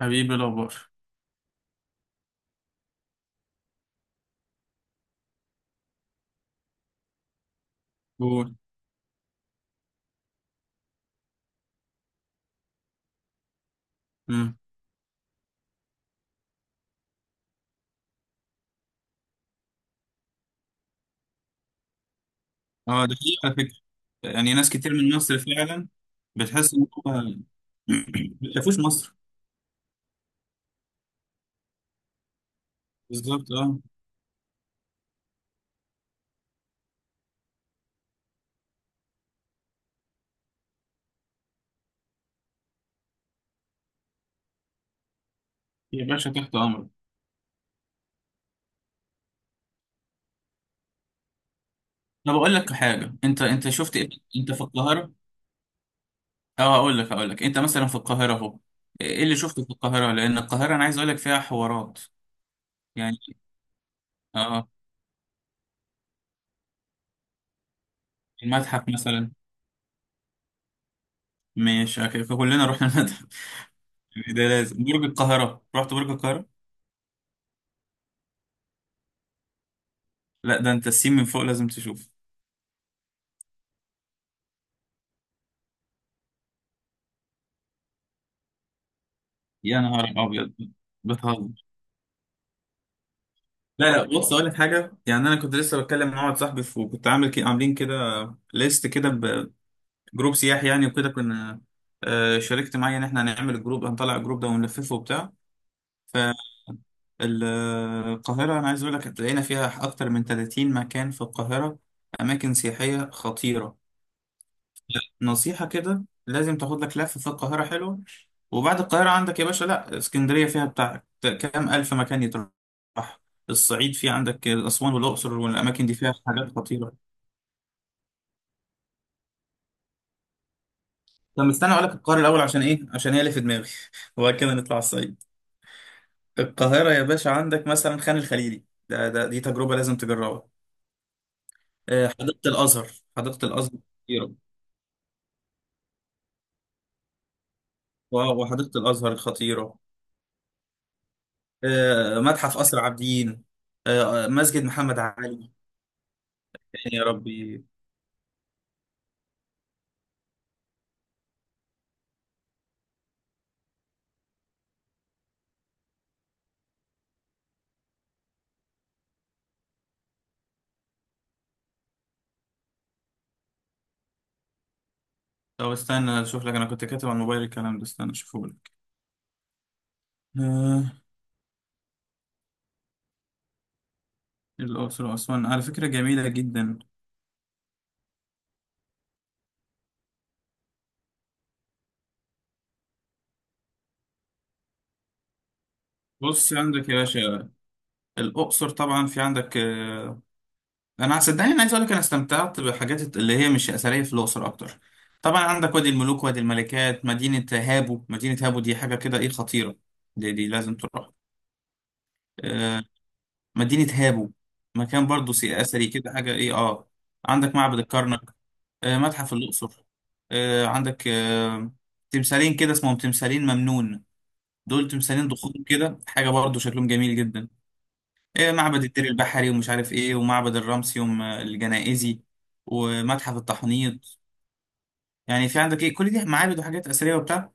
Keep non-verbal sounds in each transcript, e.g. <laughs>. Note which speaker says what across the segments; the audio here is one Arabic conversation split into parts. Speaker 1: حبيبي، الأخبار؟ قول. مم. اه، ده حقيقي على فكرة. يعني ناس كتير من مصر فعلا بتحس إن هو <clears throat> ما شافوش مصر بالظبط، اه. يا باشا تحت أمرك. أنا بقول لك حاجة، أنت شفت إيه؟ أنت في القاهرة، اه. أقول لك أنت مثلا في القاهرة أهو، إيه اللي شفته في القاهرة؟ لأن القاهرة أنا عايز أقول لك فيها حوارات يعني. اه، المتحف مثلا. مش كلنا رحنا المتحف؟ <laughs> ده لازم برج القاهرة، رحت برج القاهرة؟ لا، ده أنت السين من فوق لازم تشوفه. يا نهار ابيض، بتهزر؟ لا لا، بص اقول لك حاجه. يعني انا كنت لسه بتكلم مع واحد صاحبي وكنت عامل كي عاملين كده ليست كده بجروب سياحي يعني، وكده كنا، شاركت معايا ان احنا هنعمل الجروب، هنطلع الجروب ده ونلففه وبتاع. فالقاهره انا عايز اقول لك هتلاقينا فيها اكتر من 30 مكان في القاهره، اماكن سياحيه خطيره. نصيحة كده لازم تاخد لك لفة في القاهرة حلوة. وبعد القاهرة عندك يا باشا لا اسكندرية فيها بتاع كام ألف مكان يتروح. الصعيد فيه عندك أسوان والأقصر، والأماكن دي فيها حاجات خطيرة. طب استنى أقول لك القاهرة الأول عشان إيه؟ عشان هي اللي في دماغي <laughs> وبعد كده نطلع الصعيد. القاهرة يا باشا عندك مثلا خان الخليلي ده، دي تجربة لازم تجربها. حديقة الأزهر. حديقة الأزهر خطيرة. واو، وحديقة الأزهر خطيرة. متحف قصر عابدين. مسجد محمد علي. يعني يا ربي. طب استنى اشوف لك، انا كنت كاتب على الموبايل الكلام ده، استنى اشوفه لك. آه، الاقصر واسوان على فكره جميله جدا. بص عندك يا باشا الاقصر طبعا في عندك آه، انا صدقني انا عايز اقول لك انا استمتعت بحاجات اللي هي مش اثريه في الاقصر اكتر. طبعا عندك وادي الملوك، وادي الملكات، مدينه هابو. مدينه هابو دي حاجه كده ايه، خطيره. دي لازم تروح. آه مدينه هابو، مكان برضو اثري كده، حاجه ايه اه. عندك معبد الكرنك، متحف الأقصر، عندك تمثالين كده اسمهم تمثالين ممنون. دول تمثالين ضخام كده، حاجة برضو شكلهم جميل جدا. معبد الدير البحري ومش عارف ايه، ومعبد الرمسيوم الجنائزي، ومتحف التحنيط. يعني في عندك ايه، كل دي معابد وحاجات أثرية وبتاع.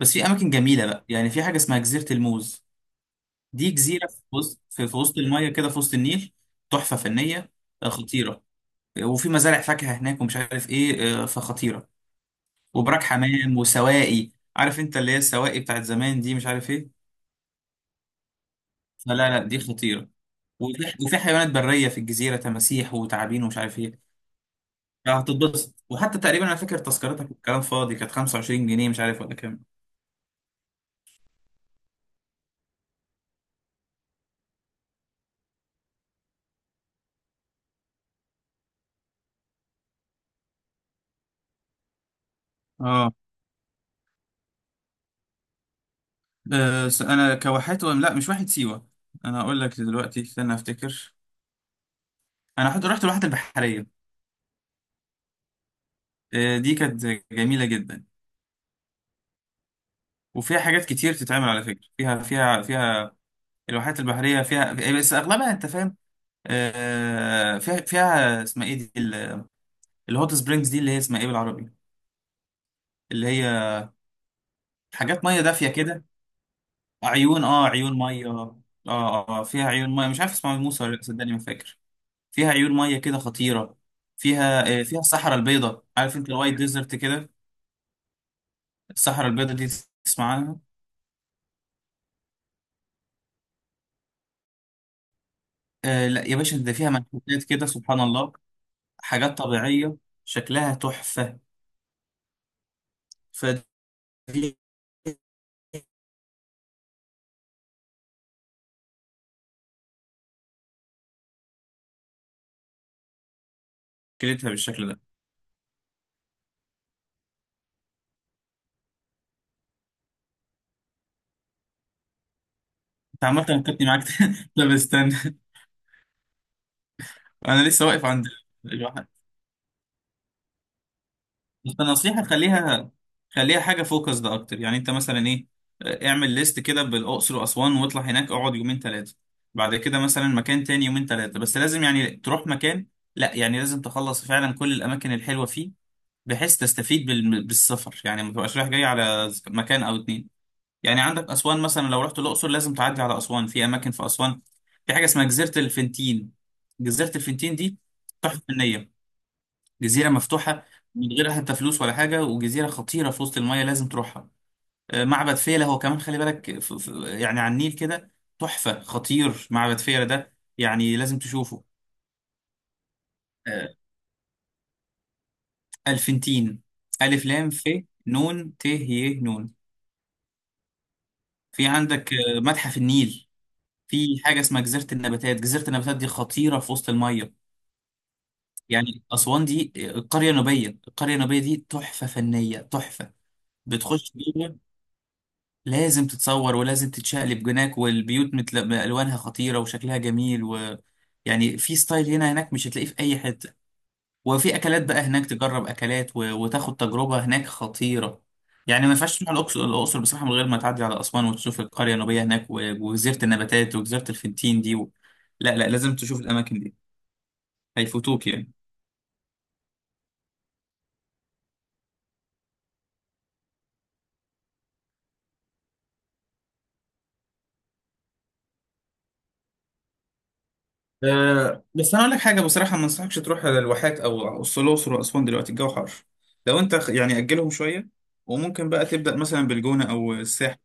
Speaker 1: بس في أماكن جميلة بقى، يعني في حاجة اسمها جزيرة الموز. دي جزيرة في وسط، في وسط المية كده، في وسط النيل. تحفة فنية، خطيرة. وفي مزارع فاكهة هناك ومش عارف ايه، فخطيرة. وبراك حمام وسواقي. عارف انت اللي هي السواقي بتاعت زمان دي، مش عارف ايه. فلا لا، دي خطيره. وفي حيوانات بريه في الجزيره، تماسيح وتعابين ومش عارف ايه. هتتبسط. وحتى تقريبا انا فاكر تذكرتك الكلام فاضي كانت 25 جنيه، مش عارف ولا كام. اه، بس انا كواحات لا مش واحد سيوه. انا هقول لك دلوقتي، استنى افتكر. انا حد رحت الواحات البحريه. دي كانت جميله جدا، وفيها حاجات كتير تتعمل على فكره. فيها الواحات البحريه فيها، بس اغلبها انت فاهم. فيها اسمها ايه دي، الهوت سبرينجز دي، اللي هي اسمها ايه بالعربي؟ اللي هي حاجات ميه دافيه كده. عيون، اه عيون ميه، اه اه. فيها عيون ميه، مش عارف اسمها موسى ولا لأ، صدقني ما فاكر. فيها عيون ميه كده، خطيره. فيها فيها الصحراء البيضاء، عارف انت الوايت ديزرت كده. الصحراء البيضاء دي تسمع عنها؟ آه لا يا باشا، ده فيها منحوتات كده سبحان الله، حاجات طبيعيه شكلها تحفه. فدي كلتها بالشكل ده. انت عامه نكتني معاك <laughs> لا بستنى، انا لسه واقف عند الواحد. بس النصيحه خليها، خليها حاجه فوكس ده اكتر. يعني انت مثلا ايه، اعمل ليست كده بالاقصر واسوان، واطلع هناك اقعد يومين ثلاثه. بعد كده مثلا مكان تاني يومين ثلاثه. بس لازم يعني تروح مكان، لا يعني لازم تخلص فعلا كل الاماكن الحلوه فيه، بحيث تستفيد بالسفر. يعني ما تبقاش رايح جاي على مكان او اتنين. يعني عندك اسوان مثلا، لو رحت الاقصر لازم تعدي على اسوان. في اماكن في اسوان، في حاجه اسمها جزيره الفنتين. جزيره الفنتين دي تحفه فنيه، جزيرة مفتوحة من غير حتى فلوس ولا حاجة، وجزيرة خطيرة في وسط المية، لازم تروحها. معبد فيلة هو كمان خلي بالك، يعني على النيل كده. تحفة خطير معبد فيلة ده، يعني لازم تشوفه. آه، ألفنتين. ألف لام ف نون ت ي نون. في عندك متحف النيل. في حاجة اسمها جزيرة النباتات، جزيرة النباتات دي خطيرة في وسط المية. يعني أسوان دي القرية النوبية. القرية النوبية دي تحفة فنية تحفة. بتخش، لازم تتصور ولازم تتشقلب هناك، والبيوت متل الوانها خطيره وشكلها جميل، و يعني في ستايل هنا هناك مش هتلاقيه في اي حته. وفي اكلات بقى هناك تجرب اكلات، و... وتاخد تجربه هناك خطيره. يعني ما ينفعش تروح الاقصر، الاقصر بصراحه، من غير ما تعدي على اسوان وتشوف القريه النوبيه هناك، و... وجزيره النباتات وجزيره الفنتين دي. و... لا لا، لازم تشوف الاماكن دي، هيفوتوك يعني. أه، بس انا اقول لك حاجه بصراحه، ما انصحكش تروح الواحات او أو الاقصر واسوان دلوقتي، الجو حر. لو انت يعني اجلهم شويه، وممكن بقى تبدا مثلا بالجونه او الساحل.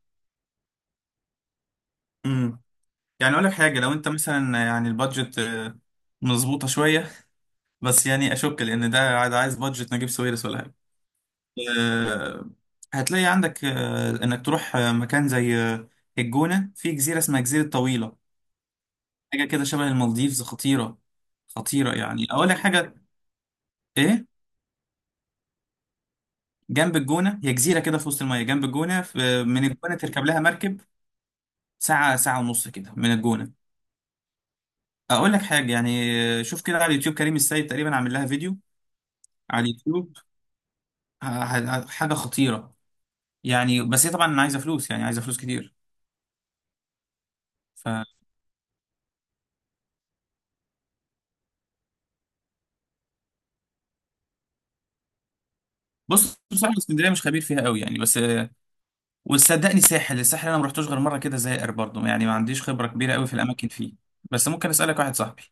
Speaker 1: امم يعني اقول لك حاجه، لو انت مثلا يعني البادجت مظبوطه شويه، بس يعني اشك لان ده عايز بادجت نجيب ساويرس ولا حاجه. أه، هتلاقي عندك أه انك تروح مكان زي الجونه. في جزيره اسمها جزيره طويله، حاجه كده شبه المالديفز، خطيره. خطيره يعني اقول لك حاجه ايه. جنب الجونة، هي جزيرة كده في وسط المية جنب الجونة، من الجونة تركب لها مركب ساعة ونص كده من الجونة. أقول لك حاجة يعني، شوف كده على اليوتيوب كريم السيد تقريبا عامل لها فيديو على اليوتيوب. ه- حاجة خطيرة، يعني. بس هي طبعا عايزة فلوس، يعني عايزة فلوس كتير. فبص بصراحة اسكندرية مش خبير فيها قوي يعني. بس وصدقني ساحل، الساحل أنا ما رحتوش غير مرة كده زائر برضه، يعني ما عنديش خبرة كبيرة قوي في الأماكن فيه. بس ممكن أسألك واحد صاحبي.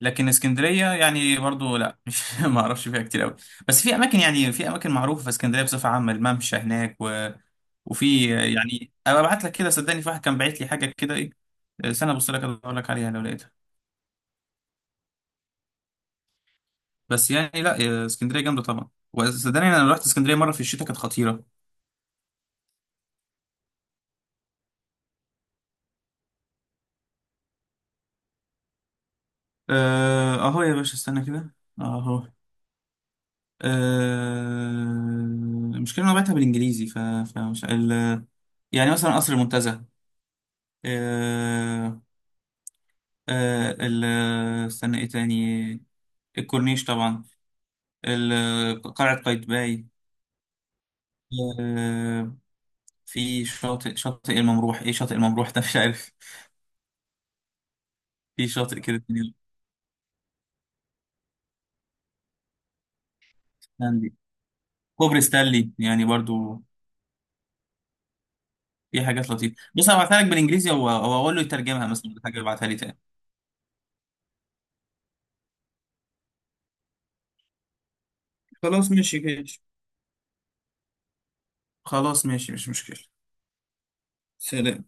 Speaker 1: لكن اسكندريه يعني برضو لا <laughs> مش ما اعرفش فيها كتير قوي. بس في اماكن، يعني في اماكن معروفه في اسكندريه بصفه عامه، الممشى هناك، و... وفي يعني ابقى ابعت لك كده، صدقني في واحد كان باعت لي حاجه كده ايه. استنى ابص لك اقول لك عليها لو لقيتها. بس يعني لا اسكندريه جامده طبعا. وصدقني انا لو رحت اسكندريه مره في الشتاء كانت خطيره. اهو يا باشا استنى كده، اهو. المشكله إن انا بعتها بالانجليزي، ف... فمش ال، يعني مثلا قصر المنتزه، آه، ال، استنى ايه تاني، الكورنيش طبعا، قلعة قايتباي، آه، في شاطئ، شاطئ الممروح، ايه شاطئ الممروح ده مش عارف. في شاطئ كده تاني عندي، كوبري ستانلي يعني برضو. في حاجات لطيفة. بص انا هبعتها لك بالانجليزي، او اقول له يترجمها مثلا، حاجة ابعتها لي تاني. خلاص ماشي ماشي. خلاص ماشي، مش مشكلة. سلام.